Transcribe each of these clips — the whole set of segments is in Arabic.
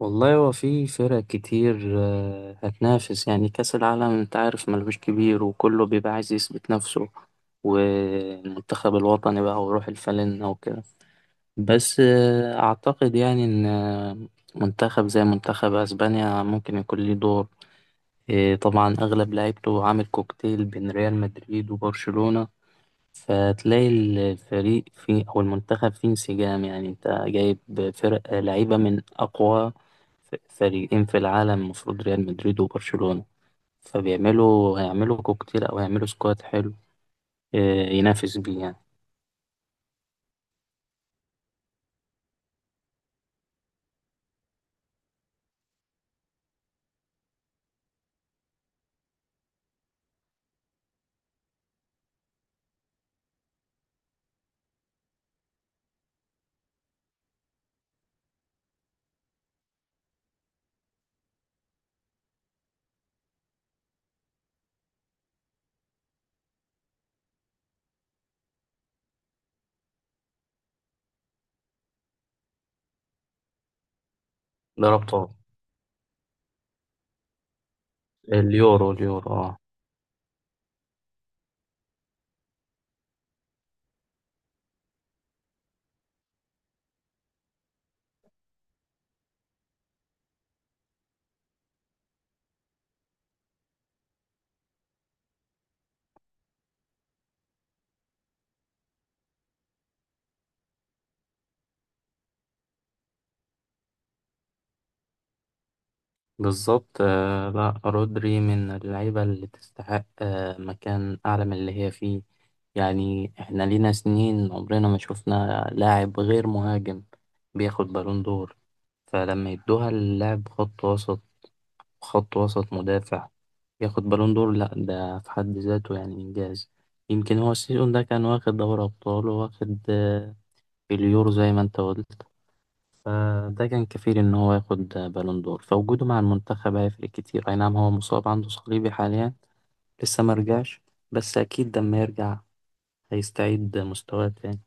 والله هو في فرق كتير، هتنافس يعني كأس العالم. انت عارف ملوش كبير وكله بيبقى عايز يثبت نفسه، والمنتخب الوطني بقى ويروح الفلن وكده. بس أعتقد يعني إن منتخب زي منتخب أسبانيا ممكن يكون ليه دور. طبعا أغلب لعيبته عامل كوكتيل بين ريال مدريد وبرشلونة، فتلاقي الفريق فيه أو المنتخب فيه انسجام. يعني أنت جايب فرق لعيبة من أقوى فريقين في العالم، المفروض ريال مدريد وبرشلونة، فبيعملوا هيعملوا كوكتيل أو هيعملوا سكواد حلو آه، ينافس بيه يعني. ده ربطه اليورو. اليورو، اه. بالظبط، لا، رودري من اللعيبة اللي تستحق مكان أعلى من اللي هي فيه. يعني احنا لينا سنين عمرنا ما شفنا لاعب غير مهاجم بياخد بالون دور، فلما يدوها اللاعب خط وسط، خط وسط مدافع، ياخد بالون دور، لا، ده في حد ذاته يعني إنجاز. يمكن هو السيزون ده كان واخد دوري أبطال وواخد اليورو زي ما أنت قلت. فده كان كفيل إن هو ياخد بالون دور، فوجوده مع المنتخب هيفرق كتير. أي نعم هو مصاب، عنده صليبي حاليا، لسه مرجعش، بس أكيد لما يرجع هيستعيد مستواه تاني.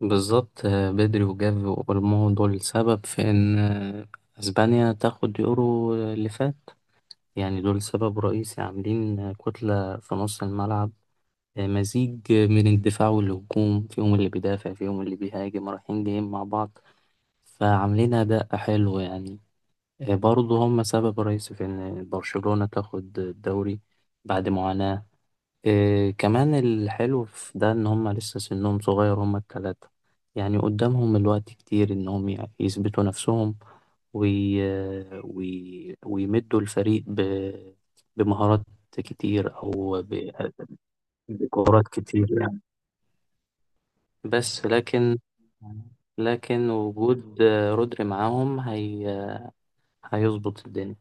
بالظبط. بدري وجافي واولمو دول سبب في ان اسبانيا تاخد يورو اللي فات. يعني دول سبب رئيسي، عاملين كتلة في نص الملعب، مزيج من الدفاع والهجوم، فيهم اللي بيدافع فيهم اللي بيهاجم، رايحين جايين مع بعض، فعاملين اداء حلو يعني. برضه هم سبب رئيسي في ان برشلونة تاخد الدوري بعد معاناة. إيه كمان الحلو في ده إن هما لسه سنهم صغير، هما التلاتة، يعني قدامهم الوقت كتير إنهم يثبتوا نفسهم وي... ويمدوا الفريق بمهارات كتير أو بكورات كتير يعني. بس لكن وجود رودري معاهم هيظبط الدنيا.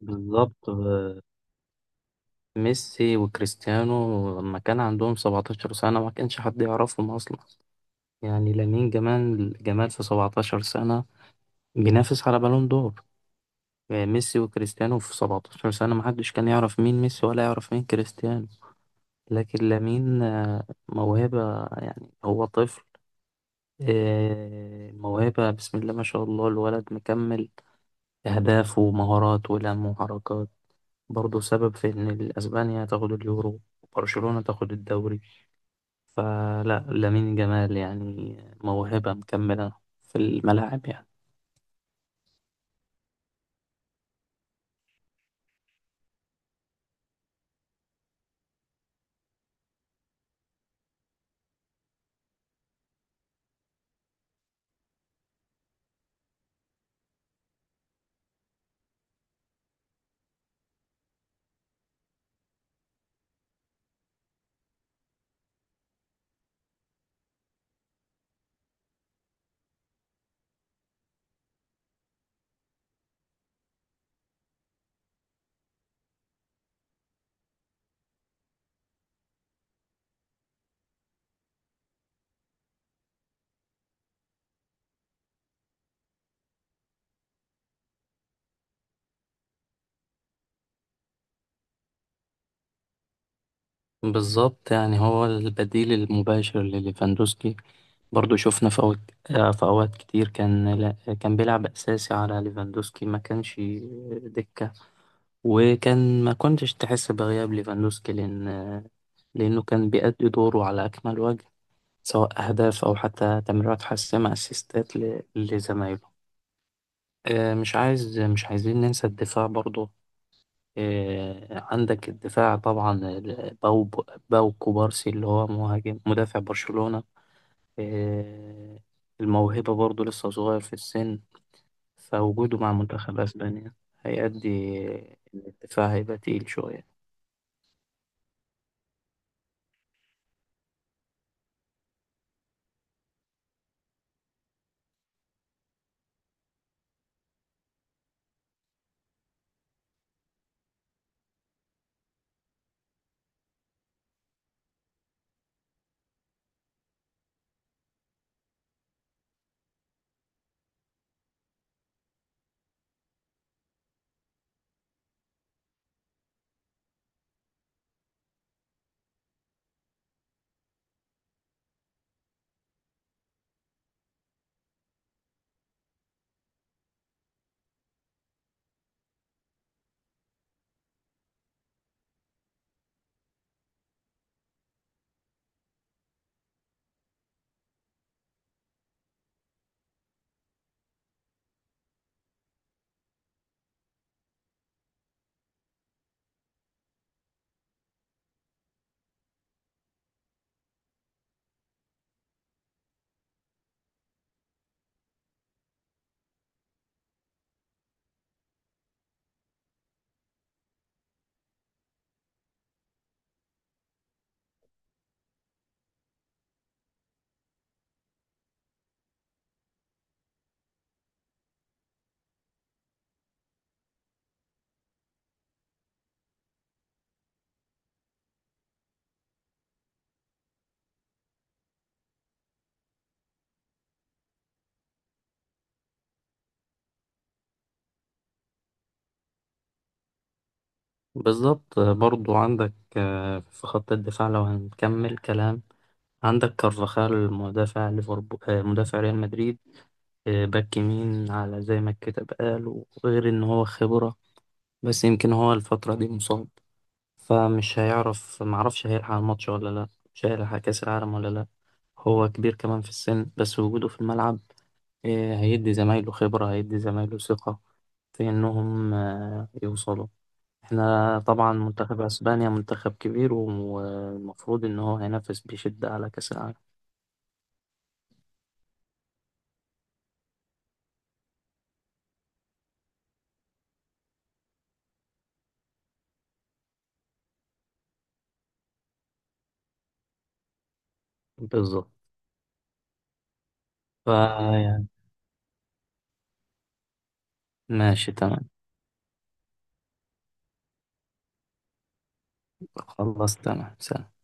بالظبط، ميسي وكريستيانو لما كان عندهم 17 سنة ما كانش حد يعرفهم أصلا. يعني لامين جمال، في 17 سنة بينافس على بالون دور. ميسي وكريستيانو في 17 سنة محدش كان يعرف مين ميسي ولا يعرف مين كريستيانو. لكن لامين موهبة، يعني هو طفل. موهبة، بسم الله ما شاء الله، الولد مكمل أهداف ومهارات ولم وحركات، برضه سبب في إن أسبانيا تاخد اليورو وبرشلونة تاخد الدوري. فلا، لامين جمال يعني موهبة مكملة في الملاعب يعني. بالظبط، يعني هو البديل المباشر لليفاندوسكي. برضو شفنا في أوقات كتير كان، لا، كان بيلعب أساسي على ليفاندوسكي، ما كانش دكة. وكان ما كنتش تحس بغياب ليفاندوسكي لأنه كان بيأدي دوره على أكمل وجه، سواء أهداف أو حتى تمريرات حاسمة أسيستات لزمايله. مش عايزين ننسى الدفاع برضو. عندك الدفاع طبعا، باو، كوبارسي، اللي هو مهاجم مدافع برشلونة. آه، الموهبة برضه لسه صغير في السن، فوجوده مع منتخب أسبانيا هيأدي إن الدفاع هيبقى تقيل شوية. بالظبط، برضه عندك في خط الدفاع، لو هنكمل كلام، عندك كارفاخال، مدافع ليفربول، مدافع ريال مدريد، باك يمين على زي ما الكتاب قال، وغير إن هو خبرة. بس يمكن هو الفترة دي مصاب، فمش معرفش هيلحق الماتش ولا لا، مش هيلحق كأس العالم ولا لا. هو كبير كمان في السن، بس وجوده في الملعب هيدي زمايله خبرة، هيدي زمايله ثقة في إنهم يوصلوا. احنا طبعا منتخب أسبانيا منتخب كبير، والمفروض إن هو هينافس بشدة على كأس العالم. بالظبط، فيعني، ماشي تمام، خلاص تمام سلام.